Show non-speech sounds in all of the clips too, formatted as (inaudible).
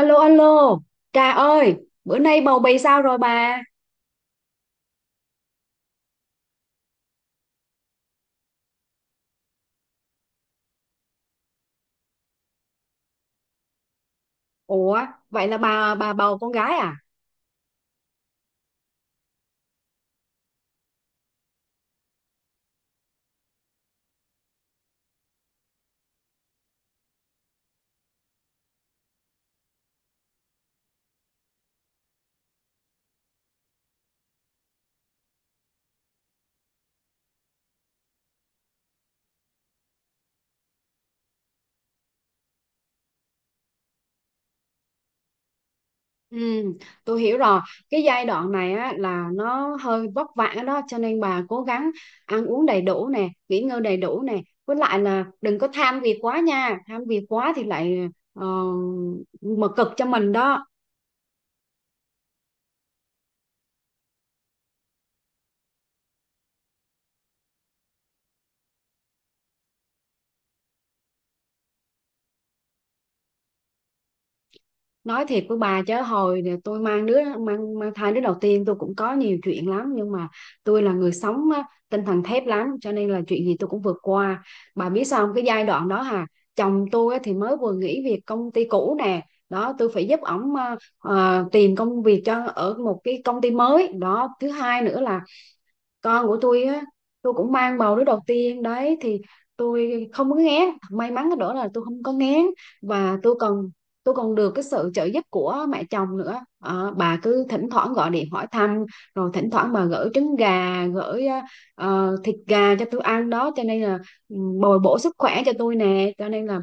Alo alo, Trà ơi, bữa nay bầu bì sao rồi bà? Ủa, vậy là bà bầu con gái à? Ừ, tôi hiểu rồi. Cái giai đoạn này á là nó hơi vất vả đó cho nên bà cố gắng ăn uống đầy đủ nè, nghỉ ngơi đầy đủ nè. Với lại là đừng có tham việc quá nha, tham việc quá thì lại ờ, mà cực cho mình đó. Nói thiệt với bà chứ hồi nè, tôi mang thai đứa đầu tiên, tôi cũng có nhiều chuyện lắm, nhưng mà tôi là người sống á, tinh thần thép lắm cho nên là chuyện gì tôi cũng vượt qua. Bà biết sao không? Cái giai đoạn đó hà, chồng tôi á, thì mới vừa nghỉ việc công ty cũ nè, đó tôi phải giúp ổng tìm công việc cho ở một cái công ty mới. Đó thứ hai nữa là con của tôi á, tôi cũng mang bầu đứa đầu tiên đấy, thì tôi không có ngán. May mắn cái đó là tôi không có ngán. Và tôi còn được cái sự trợ giúp của mẹ chồng nữa. Bà cứ thỉnh thoảng gọi điện hỏi thăm, rồi thỉnh thoảng bà gửi trứng gà, gửi thịt gà cho tôi ăn đó, cho nên là ừ, bồi bổ sức khỏe cho tôi nè. Cho nên là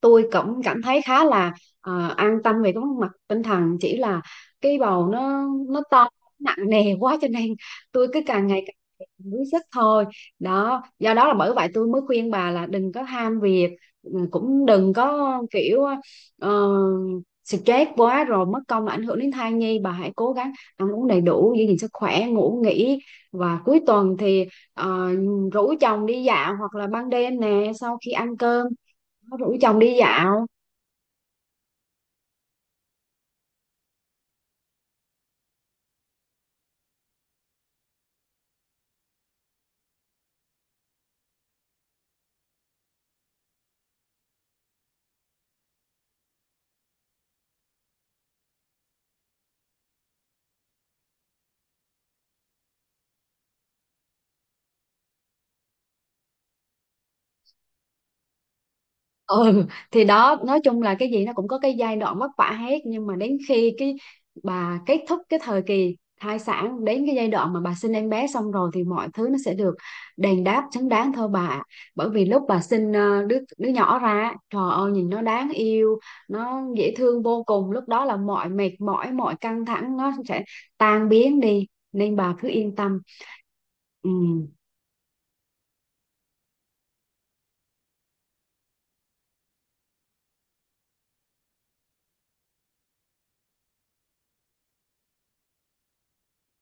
tôi cũng cảm thấy khá là an tâm về cái mặt tinh thần, chỉ là cái bầu nó to, nặng nề quá cho nên tôi cứ càng ngày càng đuối sức thôi. Đó, do đó là bởi vậy tôi mới khuyên bà là đừng có ham việc, cũng đừng có kiểu ờ, stress quá rồi mất công là ảnh hưởng đến thai nhi. Bà hãy cố gắng ăn uống đầy đủ, giữ gìn sức khỏe, ngủ nghỉ, và cuối tuần thì ờ, rủ chồng đi dạo, hoặc là ban đêm nè, sau khi ăn cơm có rủ chồng đi dạo. Ừ, thì đó nói chung là cái gì nó cũng có cái giai đoạn vất vả hết, nhưng mà đến khi cái bà kết thúc cái thời kỳ thai sản, đến cái giai đoạn mà bà sinh em bé xong rồi thì mọi thứ nó sẽ được đền đáp xứng đáng thôi bà ạ. Bởi vì lúc bà sinh đứa đứa nhỏ ra á, trời ơi nhìn nó đáng yêu, nó dễ thương vô cùng, lúc đó là mọi mệt mỏi, mọi căng thẳng nó sẽ tan biến đi, nên bà cứ yên tâm. Ừ.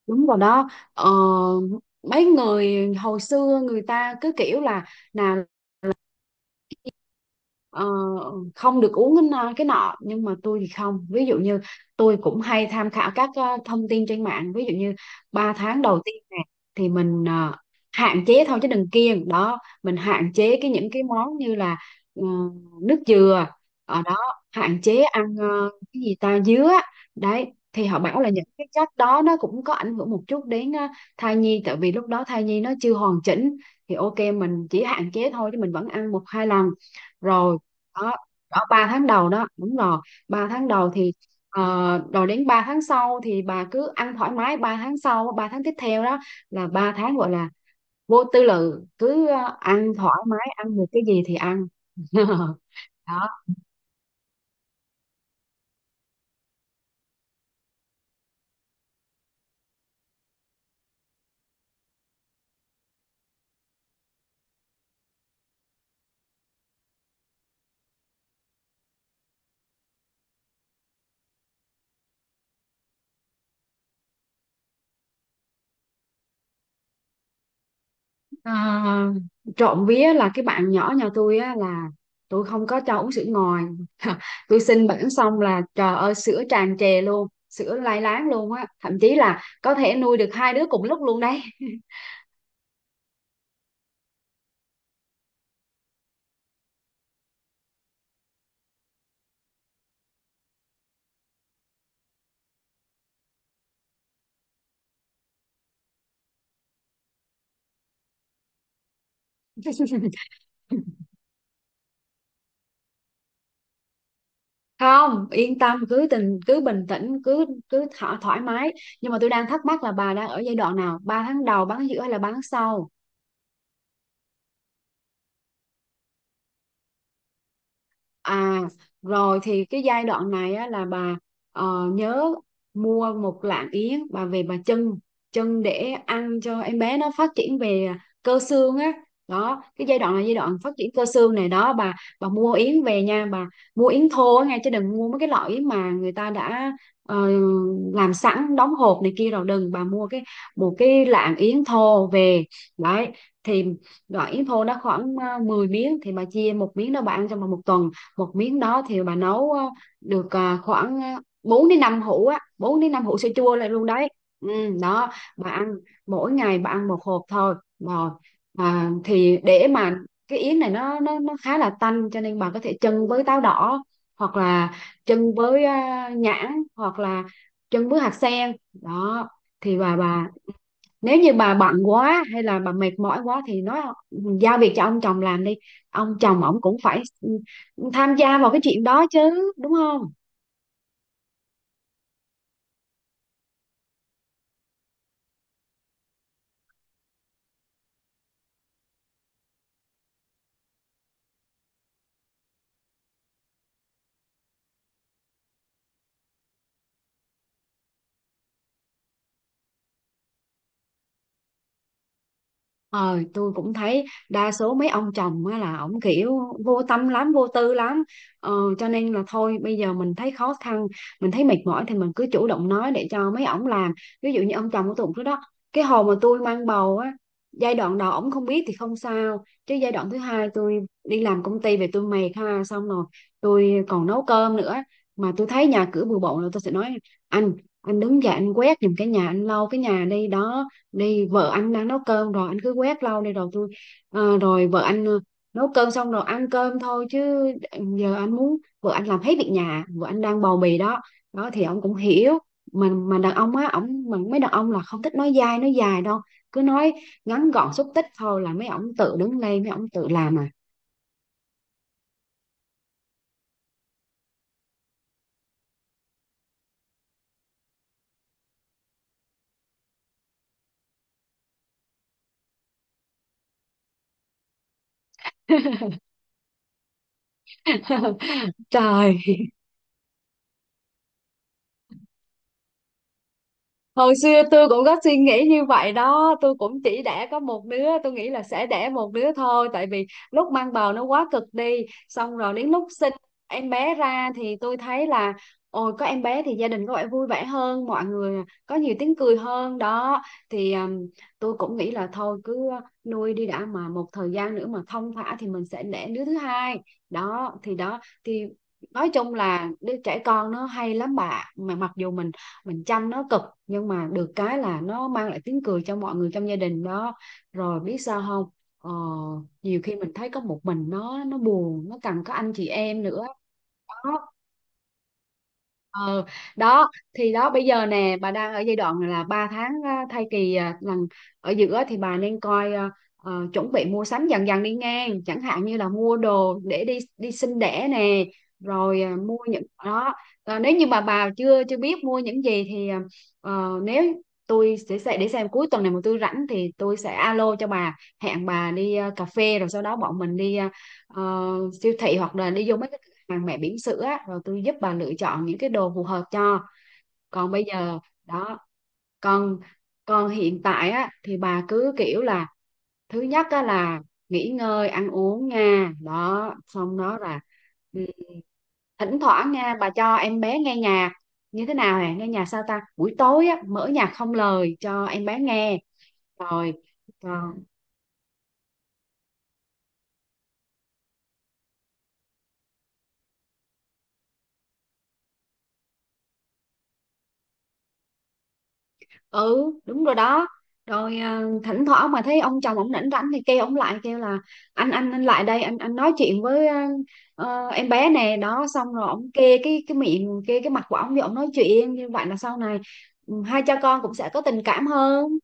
Đúng rồi đó. ờ, Mấy người hồi xưa người ta cứ kiểu là nào, Ờ, không được uống cái nọ cái nọ. Nhưng mà tôi thì không, ví dụ như tôi cũng hay tham khảo các thông tin trên mạng. Ví dụ như 3 tháng đầu tiên này thì mình hạn chế thôi chứ đừng kiêng. Đó, mình hạn chế cái những cái món như là ờ, nước dừa ở đó, hạn chế ăn cái gì, ta, dứa đấy. Thì họ bảo là những cái chất đó nó cũng có ảnh hưởng một chút đến thai nhi, tại vì lúc đó thai nhi nó chưa hoàn chỉnh. Thì ok, mình chỉ hạn chế thôi chứ mình vẫn ăn một hai lần rồi. Đó, ở 3 tháng đầu đó. Đúng rồi, 3 tháng đầu thì ờ, rồi đến 3 tháng sau thì bà cứ ăn thoải mái. 3 tháng sau, 3 tháng tiếp theo đó, là 3 tháng gọi là vô tư lự, cứ ăn thoải mái, ăn được cái gì thì ăn. (laughs) Đó, à, trộm vía là cái bạn nhỏ nhà tôi á là tôi không có cho uống sữa ngoài. (laughs) Tôi xin bẵng xong là trời ơi, sữa tràn trề luôn, sữa lai láng luôn á, thậm chí là có thể nuôi được hai đứa cùng lúc luôn đấy. (laughs) (laughs) Không yên tâm, cứ tình cứ bình tĩnh, cứ cứ thỏ, thoải mái. Nhưng mà tôi đang thắc mắc là bà đang ở giai đoạn nào, 3 tháng đầu, 3 tháng giữa hay là 3 tháng sau? À, rồi thì cái giai đoạn này á, là bà nhớ mua 1 lạng yến bà về bà chưng, chưng để ăn cho em bé nó phát triển về cơ xương á. Đó cái giai đoạn là giai đoạn phát triển cơ xương này đó bà mua yến về nha bà. Mua yến thô á nghe, chứ đừng mua mấy cái loại yến mà người ta đã ờ, làm sẵn đóng hộp này kia rồi, đừng. Bà mua cái một cái lạng yến thô về đấy. Thì loại yến thô nó khoảng 10 miếng thì bà chia một miếng, đó bà ăn trong vòng 1 tuần. Một miếng đó thì bà nấu được khoảng 4 đến 5 hũ á, 4 đến 5 hũ sữa chua lại luôn đấy. ừ, Đó, bà ăn mỗi ngày, bà ăn một hộp thôi. Rồi thì để mà cái yến này nó khá là tanh, cho nên bà có thể chưng với táo đỏ, hoặc là chưng với nhãn, hoặc là chưng với hạt sen đó. Thì bà nếu như bà bận quá hay là bà mệt mỏi quá thì nói, giao việc cho ông chồng làm đi. Ông chồng ổng cũng phải tham gia vào cái chuyện đó chứ đúng không? Ờ, tôi cũng thấy đa số mấy ông chồng á là ổng kiểu vô tâm lắm, vô tư lắm. Ờ, cho nên là thôi bây giờ mình thấy khó khăn, mình thấy mệt mỏi thì mình cứ chủ động nói để cho mấy ổng làm. Ví dụ như ông chồng của tôi cũng đó. Cái hồi mà tôi mang bầu á, giai đoạn đầu ổng không biết thì không sao. Chứ giai đoạn thứ hai tôi đi làm công ty về tôi mệt ha, xong rồi tôi còn nấu cơm nữa. Mà tôi thấy nhà cửa bừa bộn, rồi tôi sẽ nói anh, anh đứng dậy anh quét giùm cái nhà, anh lau cái nhà đi. Đó, đi vợ anh đang nấu cơm, rồi anh cứ quét lâu đi rồi tôi rồi vợ anh nấu cơm xong rồi ăn cơm thôi chứ. Giờ anh muốn vợ anh làm hết việc nhà, vợ anh đang bầu bì đó. Đó thì ông cũng hiểu. Mà đàn ông á, ổng, mà mấy đàn ông là không thích nói dai nói dài đâu, cứ nói ngắn gọn xúc tích thôi là mấy ổng tự đứng lên, mấy ổng tự làm à. (laughs) Trời, hồi xưa tôi cũng có suy nghĩ như vậy đó, tôi cũng chỉ đẻ có một đứa, tôi nghĩ là sẽ đẻ một đứa thôi, tại vì lúc mang bầu nó quá cực đi. Xong rồi đến lúc sinh em bé ra thì tôi thấy là ôi, có em bé thì gia đình có vẻ vui vẻ hơn, mọi người có nhiều tiếng cười hơn đó. Thì tôi cũng nghĩ là thôi cứ nuôi đi đã, mà một thời gian nữa mà thong thả thì mình sẽ đẻ đứa thứ hai. Đó thì đó thì nói chung là đứa trẻ con nó hay lắm bà, mà mặc dù mình chăm nó cực, nhưng mà được cái là nó mang lại tiếng cười cho mọi người trong gia đình đó. Rồi biết sao không, ờ, nhiều khi mình thấy có một mình nó buồn, nó cần có anh chị em nữa. Đó ờ đó thì đó bây giờ nè, bà đang ở giai đoạn là 3 tháng thai kỳ lần ở giữa, thì bà nên coi chuẩn bị mua sắm dần dần đi ngang, chẳng hạn như là mua đồ để đi đi sinh đẻ nè, rồi mua những đó. Ờ, nếu như mà bà chưa chưa biết mua những gì thì nếu tôi sẽ để xem cuối tuần này mà tôi rảnh thì tôi sẽ alo cho bà, hẹn bà đi cà phê, rồi sau đó bọn mình đi ờ, siêu thị, hoặc là đi vô mấy hàng mẹ bỉm sữa á, rồi tôi giúp bà lựa chọn những cái đồ phù hợp cho. Còn bây giờ đó, còn còn hiện tại á thì bà cứ kiểu là thứ nhất á là nghỉ ngơi ăn uống nha. Đó xong đó là ừ, thỉnh thoảng nha bà cho em bé nghe nhạc như thế nào nè, nghe nhạc sao ta, buổi tối á mở nhạc không lời cho em bé nghe. Rồi, ừ, đúng rồi đó. Rồi thỉnh thoảng mà thấy ông chồng ông rảnh rảnh thì kêu ông lại kêu là anh, anh lại đây anh nói chuyện với em bé nè. Đó xong rồi ông kê cái miệng, kê cái mặt của ông thì ông nói chuyện như vậy là sau này hai cha con cũng sẽ có tình cảm hơn.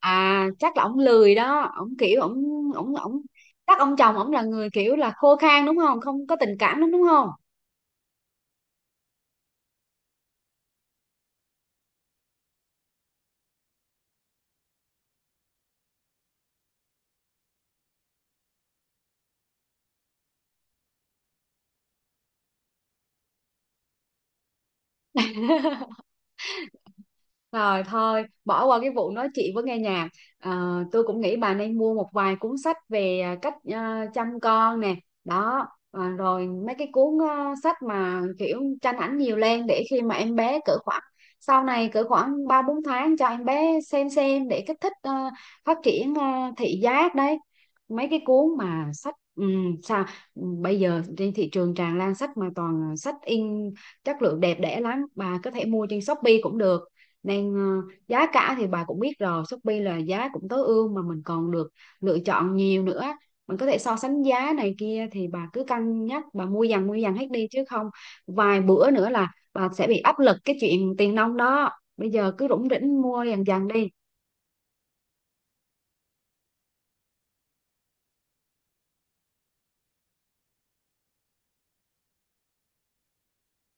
À chắc là ông lười đó, ông kiểu ông chắc ông chồng ông là người kiểu là khô khan đúng không, không có tình cảm đúng, đúng không? (laughs) Rồi thôi, bỏ qua cái vụ nói chị với nghe nhạc. Ờ, tôi cũng nghĩ bà nên mua một vài cuốn sách về cách chăm con nè. Đó, rồi mấy cái cuốn sách mà kiểu tranh ảnh nhiều lên để khi mà em bé cỡ khoảng sau này cỡ khoảng 3, 4 tháng cho em bé xem để kích thích phát triển thị giác đấy. Mấy cái cuốn mà sách sao bây giờ trên thị trường tràn lan sách mà toàn là sách in chất lượng đẹp đẽ lắm, bà có thể mua trên Shopee cũng được. Nên giá cả thì bà cũng biết rồi, Shopee là giá cũng tối ưu mà mình còn được lựa chọn nhiều nữa. Mình có thể so sánh giá này kia thì bà cứ cân nhắc, bà mua dần hết đi chứ không vài bữa nữa là bà sẽ bị áp lực cái chuyện tiền nong đó. Bây giờ cứ rủng rỉnh mua dần dần đi.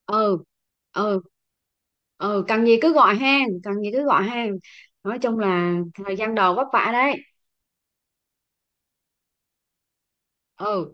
Ừ, ừ, ừ, cần gì cứ gọi hàng, cần gì cứ gọi hàng. Nói chung là thời gian đầu vất vả đấy. Ừ.